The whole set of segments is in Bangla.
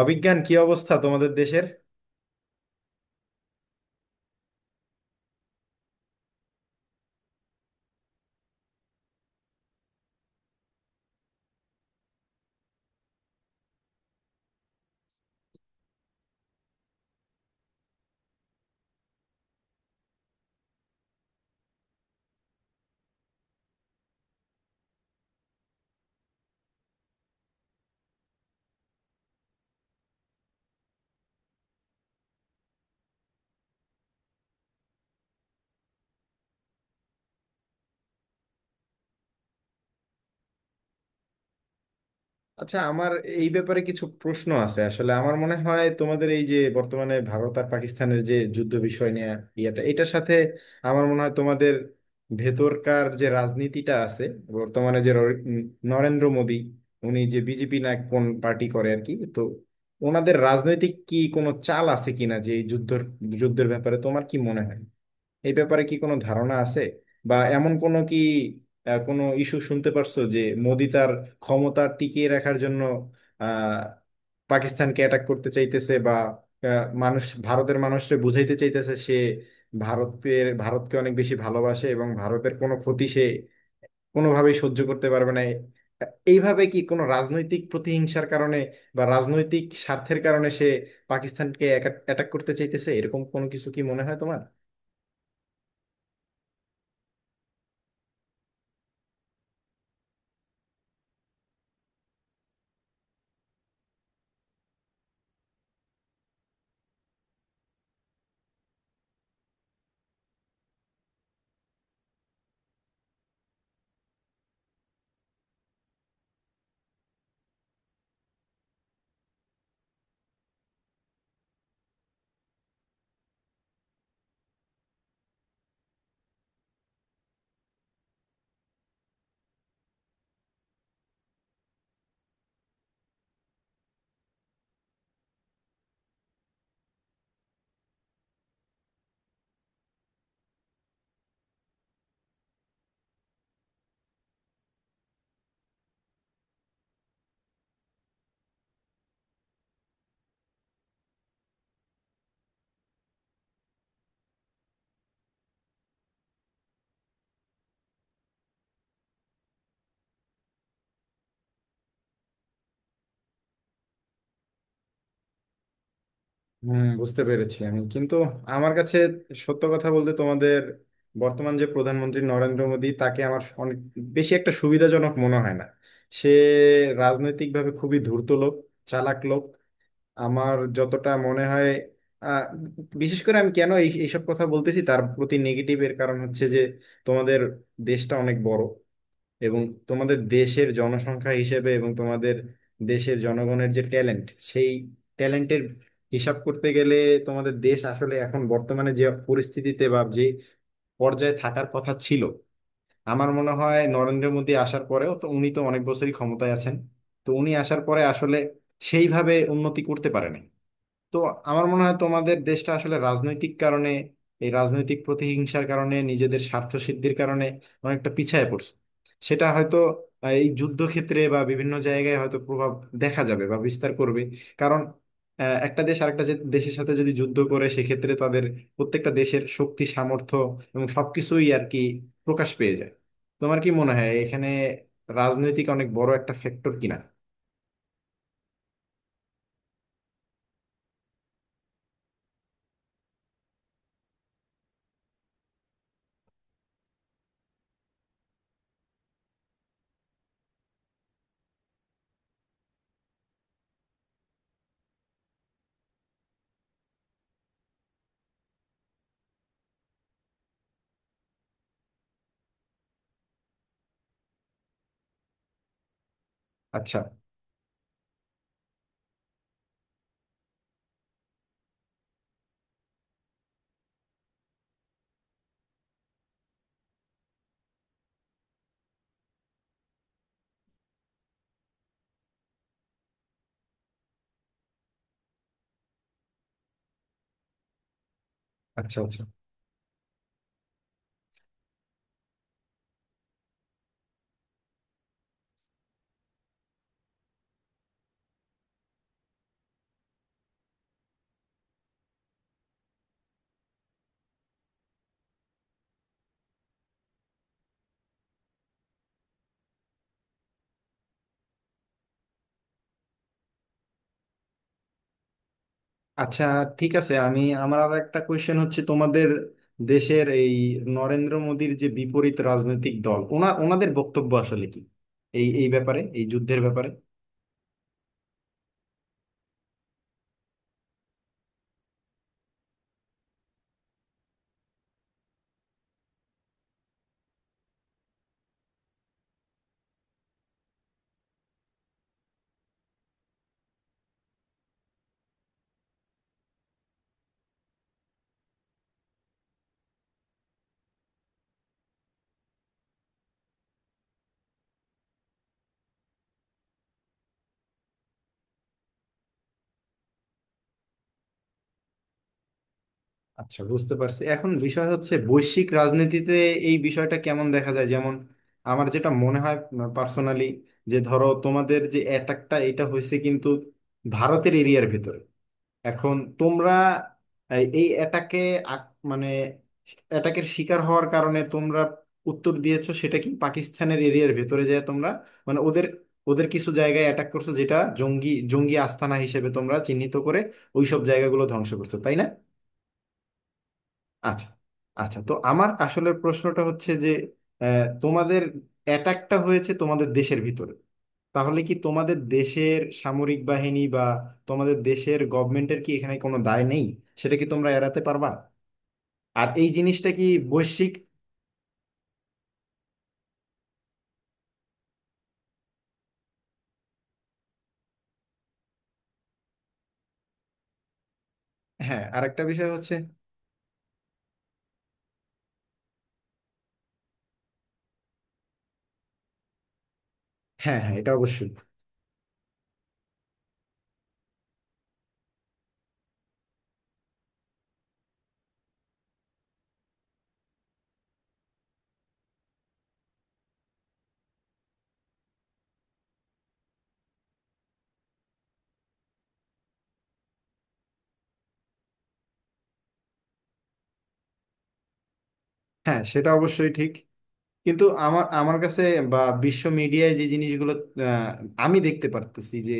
অবিজ্ঞান কি অবস্থা তোমাদের দেশের? আচ্ছা, আমার এই ব্যাপারে কিছু প্রশ্ন আছে। আসলে আমার মনে হয় তোমাদের এই যে বর্তমানে ভারত আর পাকিস্তানের যে যুদ্ধ বিষয় নিয়ে, ইয়েটা এটার সাথে আমার মনে হয় তোমাদের ভেতরকার যে রাজনীতিটা আছে বর্তমানে, যে নরেন্দ্র মোদী, উনি যে বিজেপি না কোন পার্টি করে আর কি, তো ওনাদের রাজনৈতিক কি কোনো চাল আছে কিনা যে এই যুদ্ধের ব্যাপারে তোমার কি মনে হয়? এই ব্যাপারে কি কোনো ধারণা আছে? বা এমন কোনো কি কোনো ইস্যু শুনতে পারছো যে মোদি তার ক্ষমতা টিকিয়ে রাখার জন্য আহ, পাকিস্তানকে অ্যাটাক করতে চাইতেছে? বা মানুষ, ভারতের মানুষকে বুঝাইতে চাইতেছে সে ভারতকে অনেক বেশি ভালোবাসে এবং ভারতের কোনো ক্ষতি সে কোনোভাবেই সহ্য করতে পারবে না। এইভাবে কি কোনো রাজনৈতিক প্রতিহিংসার কারণে বা রাজনৈতিক স্বার্থের কারণে সে পাকিস্তানকে অ্যাটাক করতে চাইতেছে, এরকম কোনো কিছু কি মনে হয় তোমার? হম, বুঝতে পেরেছি আমি। কিন্তু আমার কাছে, সত্য কথা বলতে, তোমাদের বর্তমান যে প্রধানমন্ত্রী নরেন্দ্র মোদী, তাকে আমার অনেক বেশি একটা সুবিধাজনক মনে হয় না। সে রাজনৈতিকভাবে খুবই ধূর্ত লোক, চালাক লোক, আমার যতটা মনে হয়। আহ, বিশেষ করে আমি কেন এইসব কথা বলতেছি, তার প্রতি নেগেটিভ এর কারণ হচ্ছে যে তোমাদের দেশটা অনেক বড় এবং তোমাদের দেশের জনসংখ্যা হিসেবে এবং তোমাদের দেশের জনগণের যে ট্যালেন্ট, সেই ট্যালেন্টের হিসাব করতে গেলে তোমাদের দেশ আসলে এখন বর্তমানে যে পরিস্থিতিতে বা যে পর্যায়ে থাকার কথা ছিল, আমার মনে হয় নরেন্দ্র মোদী আসার পরেও, তো উনি তো অনেক বছরই ক্ষমতায় আছেন, তো উনি আসার পরে আসলে সেইভাবে উন্নতি করতে পারেনি। তো আমার মনে হয় তোমাদের দেশটা আসলে রাজনৈতিক কারণে, এই রাজনৈতিক প্রতিহিংসার কারণে, নিজেদের স্বার্থ সিদ্ধির কারণে অনেকটা পিছায় পড়ছে। সেটা হয়তো এই যুদ্ধক্ষেত্রে বা বিভিন্ন জায়গায় হয়তো প্রভাব দেখা যাবে বা বিস্তার করবে। কারণ একটা দেশ আরেকটা দেশের সাথে যদি যুদ্ধ করে, সেক্ষেত্রে তাদের প্রত্যেকটা দেশের শক্তি সামর্থ্য এবং সবকিছুই আর কি প্রকাশ পেয়ে যায়। তোমার কি মনে হয় এখানে রাজনৈতিক অনেক বড় একটা ফ্যাক্টর কিনা? আচ্ছা, আচ্ছা। আচ্ছা, আচ্ছা। ঠিক আছে, আমি, আমার আর একটা কোয়েশ্চেন হচ্ছে, তোমাদের দেশের এই নরেন্দ্র মোদীর যে বিপরীত রাজনৈতিক দল, ওনাদের বক্তব্য আসলে কি এই এই ব্যাপারে এই যুদ্ধের ব্যাপারে? আচ্ছা, বুঝতে পারছি। এখন বিষয় হচ্ছে বৈশ্বিক রাজনীতিতে এই বিষয়টা কেমন দেখা যায়। যেমন আমার যেটা মনে হয় পার্সোনালি, যে ধরো তোমাদের যে অ্যাটাকটা, এটা হয়েছে কিন্তু ভারতের এরিয়ার ভিতরে। এখন তোমরা এই এই এটাকে, আক- মানে এটাকের শিকার হওয়ার কারণে তোমরা উত্তর দিয়েছো, সেটা কি পাকিস্তানের এরিয়ার ভেতরে যায় তোমরা, মানে ওদের, ওদের কিছু জায়গায় অ্যাটাক করছো যেটা জঙ্গি জঙ্গি আস্তানা হিসেবে তোমরা চিহ্নিত করে ওইসব জায়গাগুলো ধ্বংস করছো, তাই না? আচ্ছা, আচ্ছা। তো আমার আসলের প্রশ্নটা হচ্ছে যে তোমাদের অ্যাটাকটা হয়েছে তোমাদের দেশের ভিতরে, তাহলে কি তোমাদের দেশের সামরিক বাহিনী বা তোমাদের দেশের গভর্নমেন্টের কি এখানে কোনো দায় নেই? সেটা কি তোমরা এড়াতে পারবা? আর এই জিনিসটা কি বৈশ্বিক? হ্যাঁ, আরেকটা বিষয় হচ্ছে। হ্যাঁ হ্যাঁ, এটা অবশ্যই। হ্যাঁ, সেটা অবশ্যই ঠিক। কিন্তু আমার আমার কাছে বা বিশ্ব মিডিয়ায় যে জিনিসগুলো আহ, আমি দেখতে পারতেছি, যে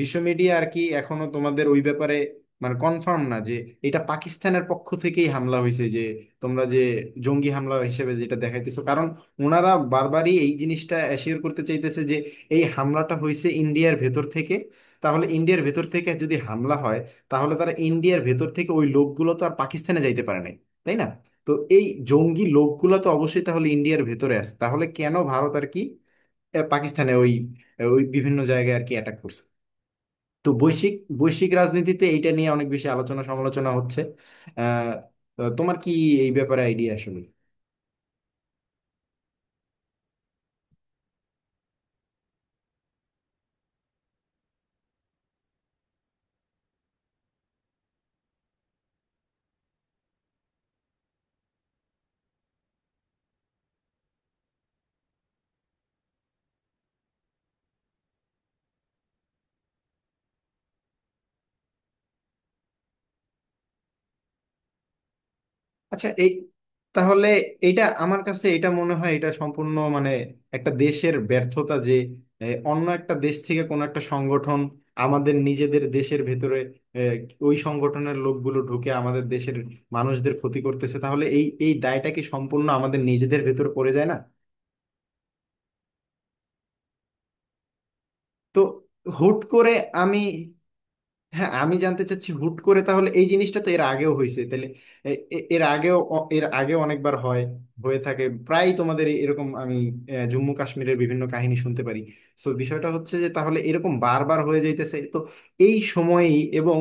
বিশ্ব মিডিয়া আর কি এখনো তোমাদের ওই ব্যাপারে, মানে কনফার্ম না, যে এটা পাকিস্তানের পক্ষ থেকেই হামলা হয়েছে, যে তোমরা যে জঙ্গি হামলা হিসেবে যেটা দেখাইতেছো। কারণ ওনারা বারবারই এই জিনিসটা অ্যাসিওর করতে চাইতেছে যে এই হামলাটা হয়েছে ইন্ডিয়ার ভেতর থেকে। তাহলে ইন্ডিয়ার ভেতর থেকে যদি হামলা হয়, তাহলে তারা ইন্ডিয়ার ভেতর থেকে, ওই লোকগুলো তো আর পাকিস্তানে যাইতে পারে নাই, তাই না? তো এই জঙ্গি লোকগুলা তো অবশ্যই তাহলে ইন্ডিয়ার ভেতরে আছে, তাহলে কেন ভারত আর কি পাকিস্তানে ওই ওই বিভিন্ন জায়গায় আর কি অ্যাটাক করছে? তো বৈশ্বিক বৈশ্বিক রাজনীতিতে এইটা নিয়ে অনেক বেশি আলোচনা সমালোচনা হচ্ছে। আহ তো তোমার কি এই ব্যাপারে আইডিয়া আসলে? আচ্ছা, এই তাহলে, এটা আমার কাছে এটা মনে হয় এটা সম্পূর্ণ মানে একটা দেশের ব্যর্থতা, যে এ, অন্য একটা দেশ থেকে কোনো একটা সংগঠন আমাদের নিজেদের দেশের ভেতরে, এ, ওই সংগঠনের লোকগুলো ঢুকে আমাদের দেশের মানুষদের ক্ষতি করতেছে, তাহলে এই এই দায়টা কি সম্পূর্ণ আমাদের নিজেদের ভেতর পড়ে যায় না? তো হুট করে, আমি, হ্যাঁ আমি জানতে চাচ্ছি, হুট করে তাহলে এই জিনিসটা, তো এর আগেও হয়েছে তাহলে। এর আগেও অনেকবার হয়, হয়ে থাকে প্রায় তোমাদের এরকম। আমি জম্মু কাশ্মীরের বিভিন্ন কাহিনী শুনতে পারি। সো বিষয়টা হচ্ছে যে তাহলে এরকম বারবার হয়ে যাইতেছে, তো এই সময়ই এবং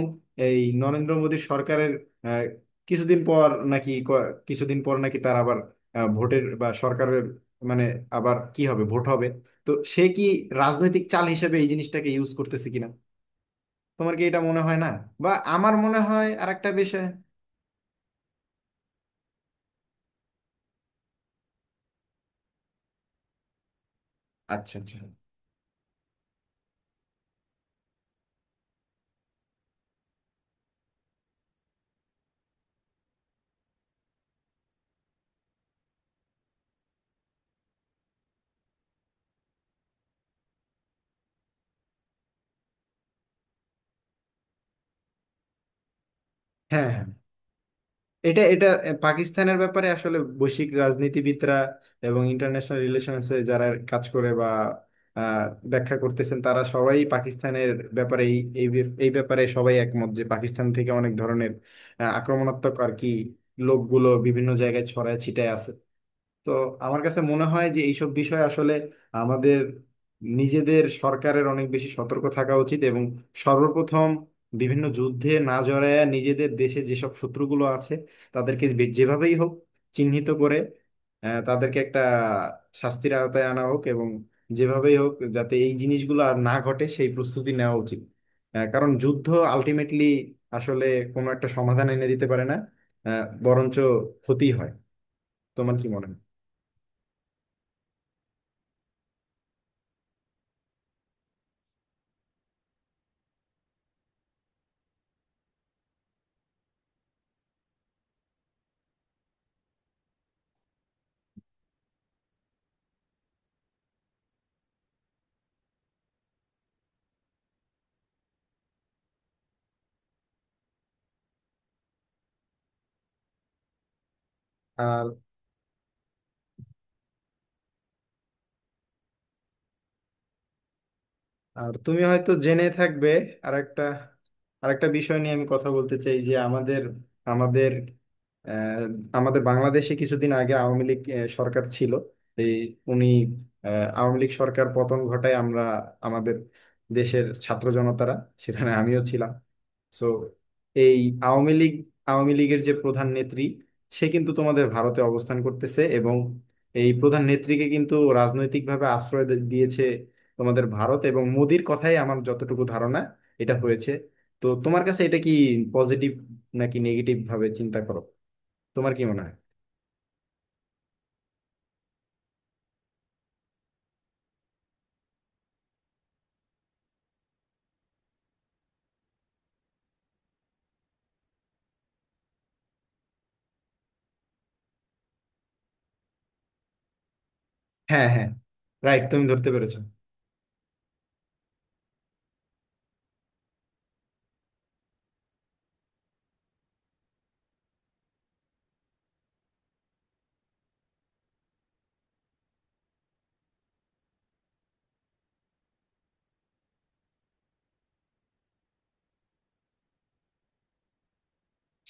এই নরেন্দ্র মোদীর সরকারের আহ, কিছুদিন পর নাকি ক- কিছুদিন পর নাকি তার আবার ভোটের বা সরকারের, মানে, আবার কি হবে, ভোট হবে? তো সে কি রাজনৈতিক চাল হিসেবে এই জিনিসটাকে ইউজ করতেছে কিনা, তোমার কি এটা মনে হয় না? বা আমার মনে হয় আরেকটা বিষয়। আচ্ছা, আচ্ছা। হ্যাঁ হ্যাঁ, এটা এটা পাকিস্তানের ব্যাপারে আসলে বৈশ্বিক রাজনীতিবিদরা এবং ইন্টারন্যাশনাল রিলেশনসে যারা কাজ করে বা আহ, ব্যাখ্যা করতেছেন, তারা সবাই পাকিস্তানের ব্যাপারে এই এই ব্যাপ- এই ব্যাপারে সবাই একমত যে পাকিস্তান থেকে অনেক ধরনের আক্রমণাত্মক আর কি লোকগুলো বিভিন্ন জায়গায় ছড়ায় ছিটায় আছে। তো আমার কাছে মনে হয় যে এইসব বিষয়ে আসলে আমাদের নিজেদের সরকারের অনেক বেশি সতর্ক থাকা উচিত এবং সর্বপ্রথম বিভিন্ন যুদ্ধে না জড়ায় নিজেদের দেশে যেসব শত্রুগুলো আছে তাদেরকে যেভাবেই হোক চিহ্নিত করে তাদেরকে একটা শাস্তির আওতায় আনা হোক এবং যেভাবেই হোক যাতে এই জিনিসগুলো আর না ঘটে সেই প্রস্তুতি নেওয়া উচিত। কারণ যুদ্ধ আলটিমেটলি আসলে কোনো একটা সমাধান এনে দিতে পারে না, বরঞ্চ ক্ষতি হয়। তোমার কি মনে হয়? আর আর তুমি হয়তো জেনে থাকবে, আর একটা, আর একটা বিষয় নিয়ে আমি কথা বলতে চাই, যে আমাদের আমাদের আহ, আমাদের বাংলাদেশে কিছুদিন আগে আওয়ামী লীগ সরকার ছিল। এই উনি, আওয়ামী লীগ সরকার পতন ঘটায় আমরা, আমাদের দেশের ছাত্র জনতারা, সেখানে আমিও ছিলাম। সো এই আওয়ামী লীগ, আওয়ামী লীগের যে প্রধান নেত্রী, সে কিন্তু তোমাদের ভারতে অবস্থান করতেছে এবং এই প্রধান নেত্রীকে কিন্তু রাজনৈতিকভাবে আশ্রয় দিয়েছে তোমাদের ভারত এবং মোদির কথাই, আমার যতটুকু ধারণা এটা হয়েছে। তো তোমার কাছে এটা কি পজিটিভ নাকি নেগেটিভ ভাবে চিন্তা করো, তোমার কি মনে হয়? হ্যাঁ হ্যাঁ, রাইট, তুমি ধরতে পেরেছো।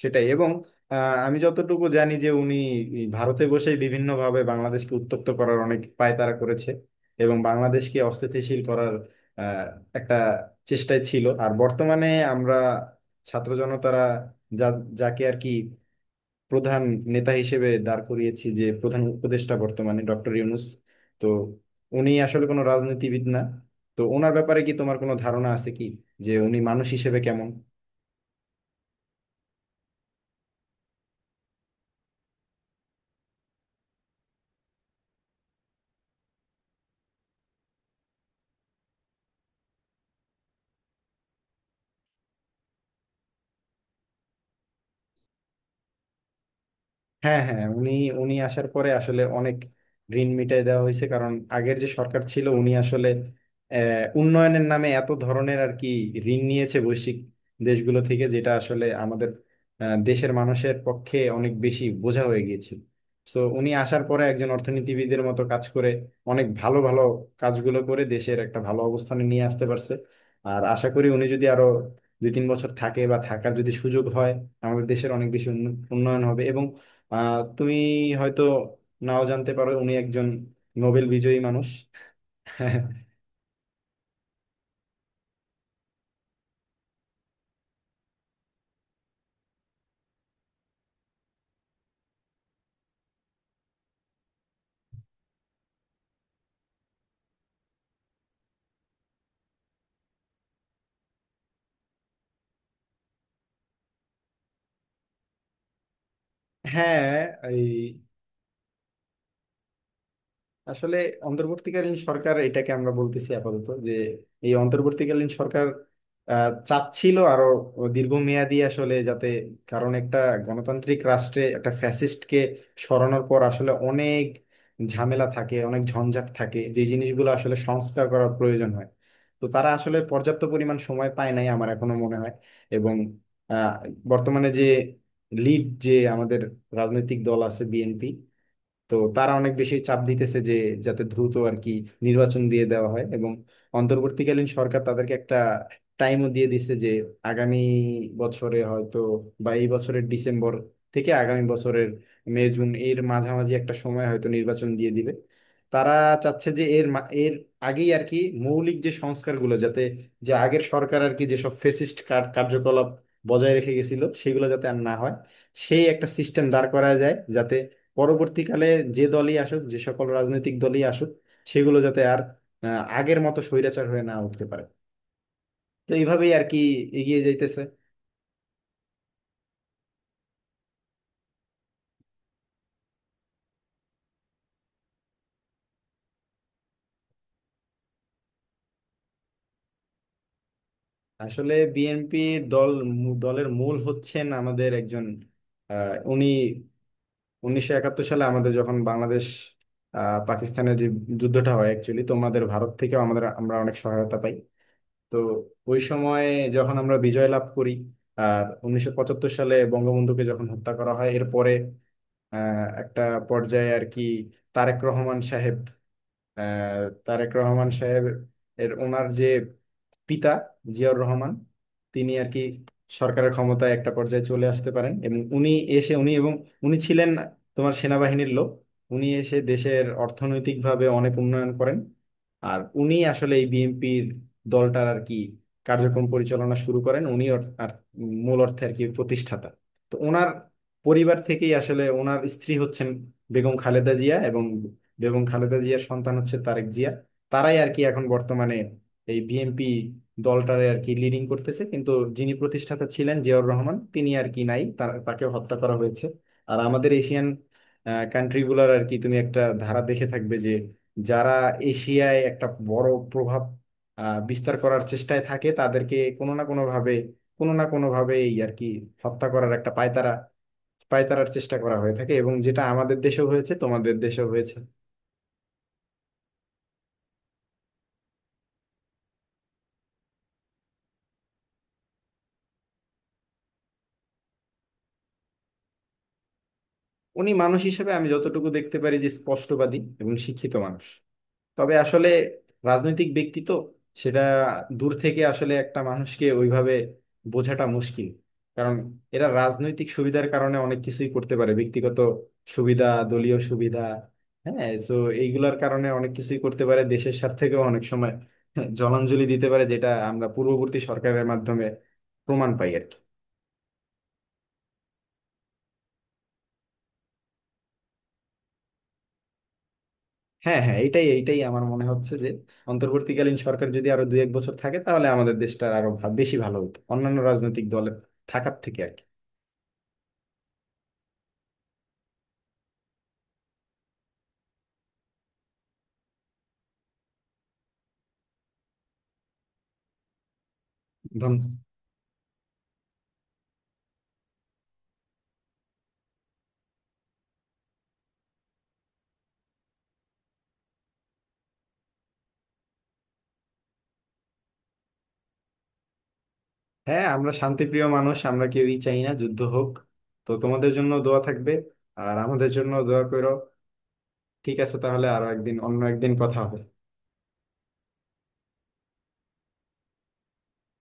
সেটাই, এবং আহ, আমি যতটুকু জানি যে উনি এই ভারতে বসেই বিভিন্নভাবে বাংলাদেশকে উত্তপ্ত করার অনেক পায়তারা করেছে এবং বাংলাদেশকে অস্থিতিশীল করার আহ, একটা চেষ্টায় ছিল। আর বর্তমানে আমরা, ছাত্র জনতারা, যা, যাকে আর কি প্রধান নেতা হিসেবে দাঁড় করিয়েছি, যে প্রধান উপদেষ্টা বর্তমানে ডক্টর ইউনূস, তো উনি আসলে কোনো রাজনীতিবিদ না। তো ওনার ব্যাপারে কি তোমার কোনো ধারণা আছে কি, যে উনি মানুষ হিসেবে কেমন? হ্যাঁ হ্যাঁ, উনি উনি আসার পরে আসলে অনেক ঋণ মিটাই দেওয়া হয়েছে। কারণ আগের যে সরকার ছিল উনি আসলে উন্নয়নের নামে এত ধরনের আর কি ঋণ নিয়েছে বৈশ্বিক দেশগুলো থেকে, যেটা আসলে আমাদের দেশের মানুষের পক্ষে অনেক বেশি বোঝা হয়ে গিয়েছিল। তো উনি আসার পরে একজন অর্থনীতিবিদের মতো কাজ করে অনেক ভালো ভালো কাজগুলো করে দেশের একটা ভালো অবস্থানে নিয়ে আসতে পারছে। আর আশা করি উনি যদি আরো দুই তিন বছর থাকে বা থাকার যদি সুযোগ হয়, আমাদের দেশের অনেক বেশি উন্নয়ন হবে। এবং আহ তুমি হয়তো নাও জানতে পারো, উনি একজন নোবেল বিজয়ী মানুষ। হ্যাঁ, এই আসলে অন্তর্বর্তীকালীন সরকার, এটাকে আমরা বলতেছি আপাতত যে, এই অন্তর্বর্তীকালীন সরকার চাচ্ছিল আরো দীর্ঘমেয়াদী, আসলে যাতে, কারণ একটা গণতান্ত্রিক রাষ্ট্রে একটা ফ্যাসিস্টকে সরানোর পর আসলে অনেক ঝামেলা থাকে, অনেক ঝঞ্ঝাট থাকে, যে জিনিসগুলো আসলে সংস্কার করার প্রয়োজন হয়। তো তারা আসলে পর্যাপ্ত পরিমাণ সময় পায় নাই, আমার এখনো মনে হয়। এবং আহ, বর্তমানে যে লিড, যে আমাদের রাজনৈতিক দল আছে বিএনপি, তো তারা অনেক বেশি চাপ দিতেছে যে যাতে দ্রুত আর কি নির্বাচন দিয়ে দেওয়া হয়। এবং অন্তর্বর্তীকালীন সরকার তাদেরকে একটা টাইমও দিয়ে দিচ্ছে, যে আগামী বছরে হয়তো বা এই বছরের ডিসেম্বর থেকে আগামী বছরের মে জুন এর মাঝামাঝি একটা সময় হয়তো নির্বাচন দিয়ে দিবে। তারা চাচ্ছে যে এর আগেই আর কি মৌলিক যে সংস্কারগুলো যাতে, যে আগের সরকার আর কি যেসব ফেসিস্ট কার্যকলাপ বজায় রেখে গেছিল সেগুলো যাতে আর না হয়, সেই একটা সিস্টেম দাঁড় করা যায় যাতে পরবর্তীকালে যে দলই আসুক, যে সকল রাজনৈতিক দলই আসুক, সেগুলো যাতে আর আগের মতো স্বৈরাচার হয়ে না উঠতে পারে। তো এইভাবেই আর কি এগিয়ে যাইতেছে। আসলে বিএনপি দল, দলের মূল হচ্ছেন আমাদের একজন, উনি 1971 সালে আমাদের যখন বাংলাদেশ পাকিস্তানের যে যুদ্ধটা হয়, অ্যাকচুয়ালি তোমাদের ভারত থেকেও আমাদের, আমরা অনেক সহায়তা পাই। তো ওই সময় যখন আমরা বিজয় লাভ করি, আর 1975 সালে বঙ্গবন্ধুকে যখন হত্যা করা হয়, এরপরে একটা পর্যায়ে আর কি তারেক রহমান সাহেব, আহ, তারেক রহমান সাহেব এর ওনার যে পিতা জিয়াউর রহমান, তিনি আর কি সরকারের ক্ষমতায় একটা পর্যায়ে চলে আসতে পারেন। এবং এসে উনি এবং উনি ছিলেন তোমার সেনাবাহিনীর লোক। উনি এসে দেশের অর্থনৈতিকভাবে অনেক উন্নয়ন করেন। আর উনি আসলে এই বিএনপির দলটার আর কি কার্যক্রম পরিচালনা শুরু করেন। উনি অর- আর মূল অর্থে আর কি প্রতিষ্ঠাতা। তো ওনার পরিবার থেকেই আসলে, ওনার স্ত্রী হচ্ছেন বেগম খালেদা জিয়া এবং বেগম খালেদা জিয়ার সন্তান হচ্ছে তারেক জিয়া। তারাই আর কি এখন বর্তমানে এই বিএনপি দলটারে আর কি লিডিং করতেছে। কিন্তু যিনি প্রতিষ্ঠাতা ছিলেন জিয়াউর রহমান, তিনি আর কি নাই, তাকে হত্যা করা হয়েছে। আর আমাদের এশিয়ান কান্ট্রিগুলোর আর কি তুমি একটা ধারা দেখে থাকবে, যে যারা এশিয়ায় একটা বড় প্রভাব বিস্তার করার চেষ্টায় থাকে তাদেরকে কোনো না কোনোভাবে এই আর কি হত্যা করার একটা পায়তারার চেষ্টা করা হয়ে থাকে। এবং যেটা আমাদের দেশেও হয়েছে, তোমাদের দেশেও হয়েছে। উনি মানুষ হিসেবে, আমি যতটুকু দেখতে পারি, যে স্পষ্টবাদী এবং শিক্ষিত মানুষ। তবে আসলে রাজনৈতিক ব্যক্তি তো, সেটা দূর থেকে আসলে একটা মানুষকে ওইভাবে বোঝাটা মুশকিল। কারণ এরা রাজনৈতিক সুবিধার কারণে অনেক কিছুই করতে পারে, ব্যক্তিগত সুবিধা, দলীয় সুবিধা, হ্যাঁ, তো এইগুলার কারণে অনেক কিছুই করতে পারে। দেশের স্বার্থেও অনেক সময় জলাঞ্জলি দিতে পারে, যেটা আমরা পূর্ববর্তী সরকারের মাধ্যমে প্রমাণ পাই আর কি। হ্যাঁ হ্যাঁ, এটাই এটাই আমার মনে হচ্ছে যে অন্তর্বর্তীকালীন সরকার যদি আরো দুই এক বছর থাকে তাহলে আমাদের দেশটার আরো বেশি ভালো হতো অন্যান্য রাজনৈতিক দলের থাকার থেকে আর কি। ধন্য- হ্যাঁ, আমরা শান্তিপ্রিয় মানুষ, আমরা কেউই চাই না যুদ্ধ হোক। তো তোমাদের জন্য দোয়া থাকবে, আর আমাদের জন্য দোয়া করো। ঠিক আছে, তাহলে আরো একদিন, অন্য একদিন কথা হবে।